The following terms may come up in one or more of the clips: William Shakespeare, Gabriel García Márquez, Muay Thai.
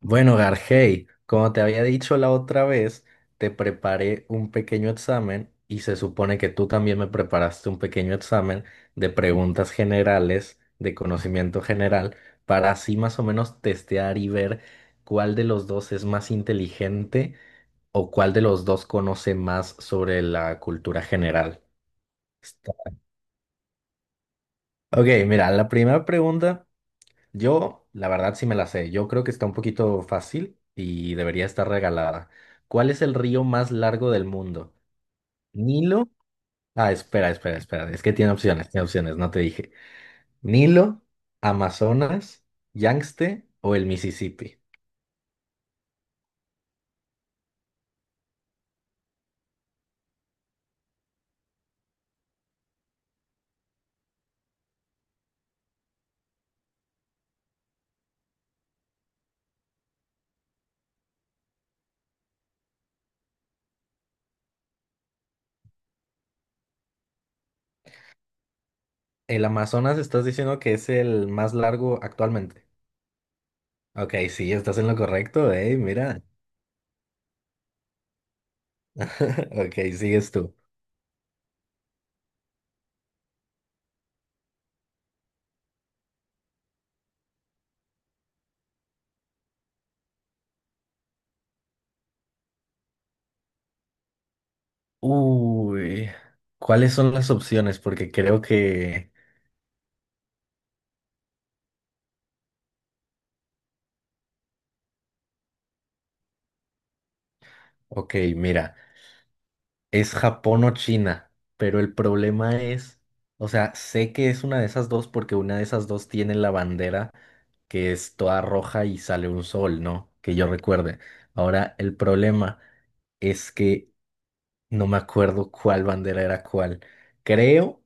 Bueno, Gargey, como te había dicho la otra vez, te preparé un pequeño examen y se supone que tú también me preparaste un pequeño examen de preguntas generales, de conocimiento general, para así más o menos testear y ver cuál de los dos es más inteligente o cuál de los dos conoce más sobre la cultura general. Está- Ok, mira, la primera pregunta. Yo, la verdad, sí me la sé. Yo creo que está un poquito fácil y debería estar regalada. ¿Cuál es el río más largo del mundo? ¿Nilo? Ah, espera, espera, espera. Es que tiene opciones, no te dije. ¿Nilo, Amazonas, Yangtze o el Mississippi? El Amazonas estás diciendo que es el más largo actualmente. Ok, sí, estás en lo correcto, mira. Ok, sigues tú. Uy, ¿cuáles son las opciones? Porque creo que... Ok, mira. Es Japón o China, pero el problema es, o sea, sé que es una de esas dos porque una de esas dos tiene la bandera que es toda roja y sale un sol, ¿no? Que yo recuerde. Ahora, el problema es que no me acuerdo cuál bandera era cuál. Creo,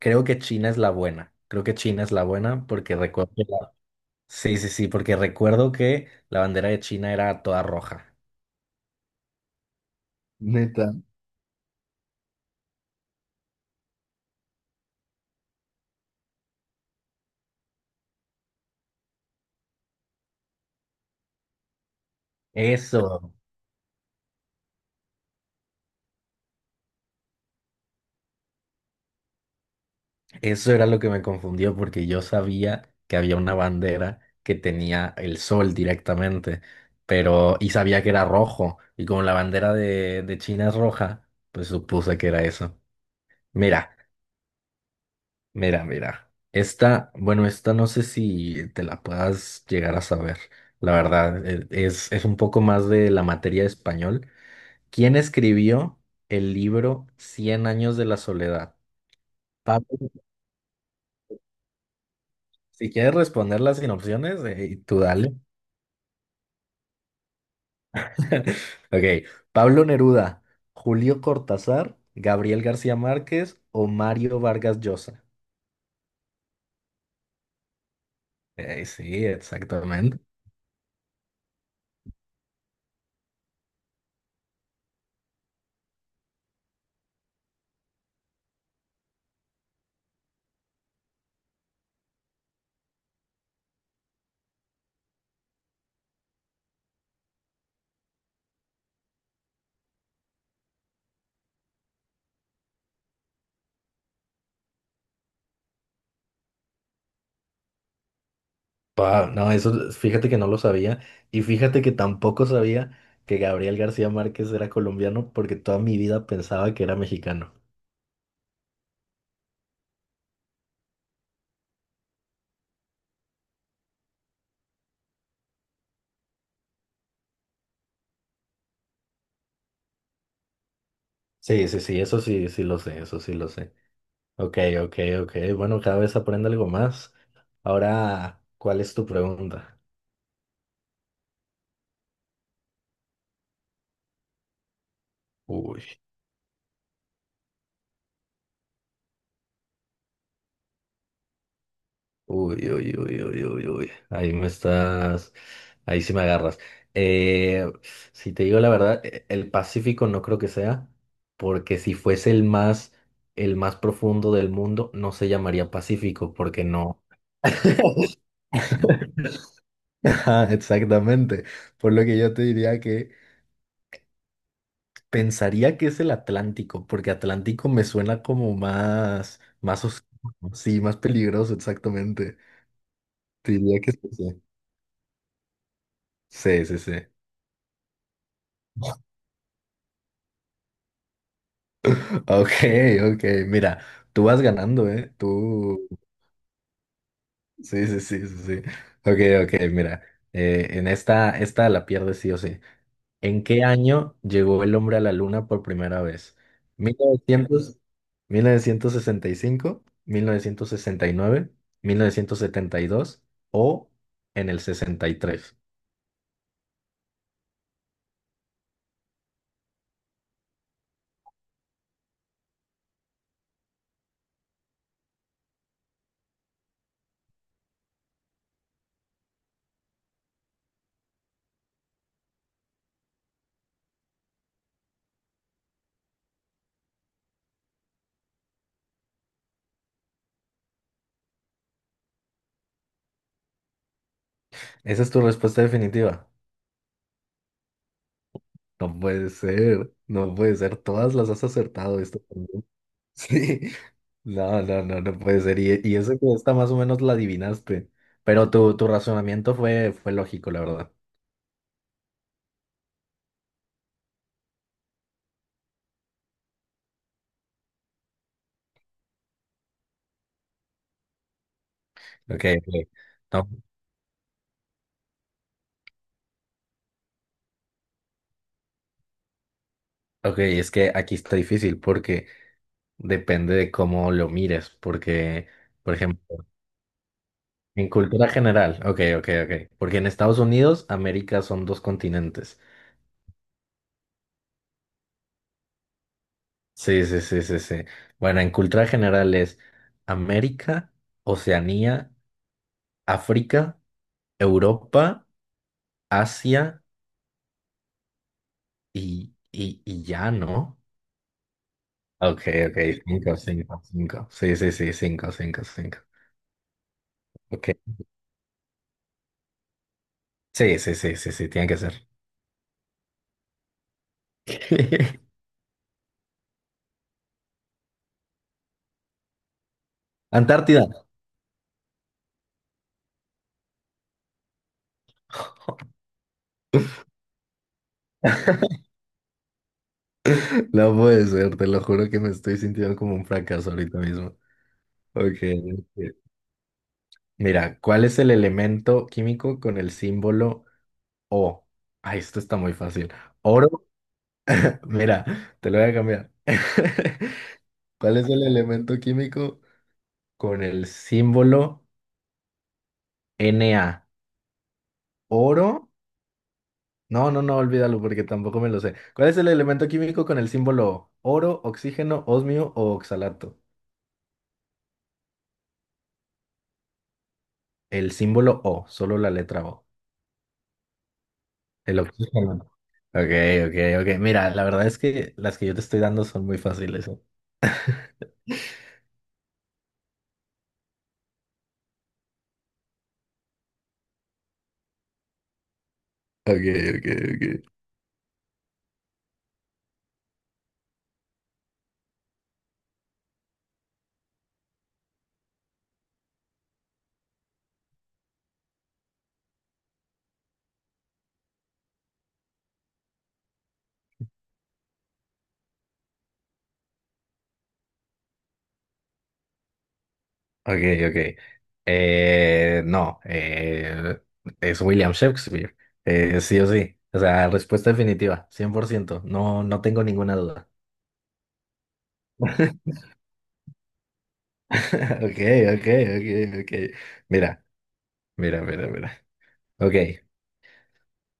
creo que China es la buena. Creo que China es la buena porque recuerdo que Sí, sí, sí, porque recuerdo que la bandera de China era toda roja. Neta. Eso. Eso era lo que me confundió porque yo sabía que había una bandera que tenía el sol directamente, pero y sabía que era rojo y como la bandera de China es roja, pues supuse que era eso. Mira, mira, mira. Esta, bueno, esta no sé si te la puedas llegar a saber. La verdad, es un poco más de la materia de español. ¿Quién escribió el libro Cien años de la soledad? Pablo, si quieres responderla sin opciones, tú dale. Ok, Pablo Neruda, Julio Cortázar, Gabriel García Márquez o Mario Vargas Llosa. Sí, exactamente. Pa, no, eso fíjate que no lo sabía y fíjate que tampoco sabía que Gabriel García Márquez era colombiano porque toda mi vida pensaba que era mexicano. Sí, sí, sí, eso sí, sí lo sé, eso sí lo sé. Ok, ok, ok. Bueno, cada vez aprende algo más. Ahora, ¿cuál es tu pregunta? Uy. Uy, uy, uy, uy, uy, uy. Ahí me estás. Ahí sí me agarras. Eh, si te digo la verdad, el Pacífico no creo que sea, porque si fuese el más profundo del mundo, no se llamaría Pacífico, porque no. Ajá, exactamente. Por lo que yo te diría que pensaría que es el Atlántico, porque Atlántico me suena como más, más oscuro, sí, más peligroso, exactamente. Te diría que es ese. Sí, sí, sí. Ok, ok, mira, tú vas ganando, ¿eh? Tú... Sí, sí, sí, sí, sí. Ok, ok, mira, en esta la pierdes sí o sí. ¿En qué año llegó el hombre a la luna por primera vez? Mil novecientos sesenta y cinco, nueve, 1972 o en el 63. Esa es tu respuesta definitiva. No puede ser, no puede ser. Todas las has acertado. Esto. Sí. No, no, no, no puede ser. Y eso que está más o menos la adivinaste. Pero tu razonamiento fue lógico, la verdad. Ok, ok. No, ok, es que aquí está difícil porque depende de cómo lo mires. Porque, por ejemplo, en cultura general, ok, ok, ok. Porque en Estados Unidos, América son dos continentes. Sí, sí, sí, sí, sí. Bueno, en cultura general es América, Oceanía, África, Europa, Asia. Y ya, ¿no? Ok, ok, cinco, cinco, cinco. Sí, sí, sí, cinco, cinco, cinco. Ok. Sí, sí, sí, sí, sí, tiene que ser. Antártida. No puede ser, te lo juro que me estoy sintiendo como un fracaso ahorita mismo. Ok. Ok. Mira, ¿cuál es el elemento químico con el símbolo O? Ay, esto está muy fácil. Oro. Mira, te lo voy a cambiar. ¿Cuál es el elemento químico con el símbolo Na? Oro. No, no, no, olvídalo porque tampoco me lo sé. ¿Cuál es el elemento químico con el símbolo oro, oxígeno, osmio o oxalato? El símbolo O, solo la letra O. El oxígeno. Ok, ok, ok. Mira, la verdad es que las que yo te estoy dando son muy fáciles, ¿eh? Ok, ok, ok. Ok, ok. No, es William Shakespeare. Sí o sí. O sea, respuesta definitiva, 100%. No, no tengo ninguna duda. Ok, ok, ok, ok. Mira. Mira, mira, mira. Ok,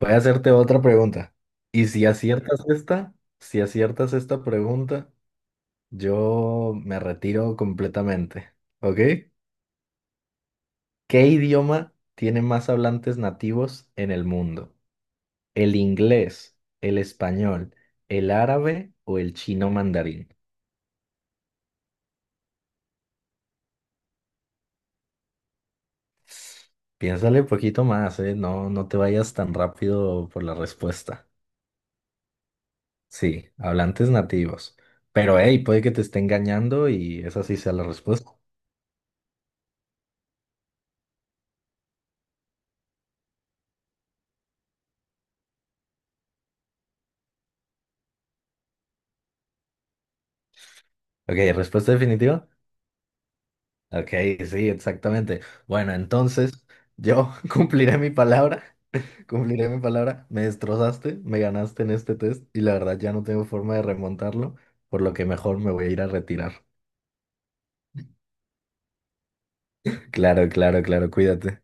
voy a hacerte otra pregunta. Y si aciertas esta pregunta, yo me retiro completamente. ¿Ok? ¿Qué idioma tiene más hablantes nativos en el mundo? ¿El inglés, el español, el árabe o el chino mandarín? Piénsale un poquito más, ¿eh? No, no te vayas tan rápido por la respuesta. Sí, hablantes nativos. Pero hey, puede que te esté engañando y esa sí sea la respuesta. Ok, respuesta definitiva. Ok, sí, exactamente. Bueno, entonces yo cumpliré mi palabra, cumpliré mi palabra. Me destrozaste, me ganaste en este test y la verdad ya no tengo forma de remontarlo, por lo que mejor me voy a ir a retirar. Claro, claro, claro, cuídate.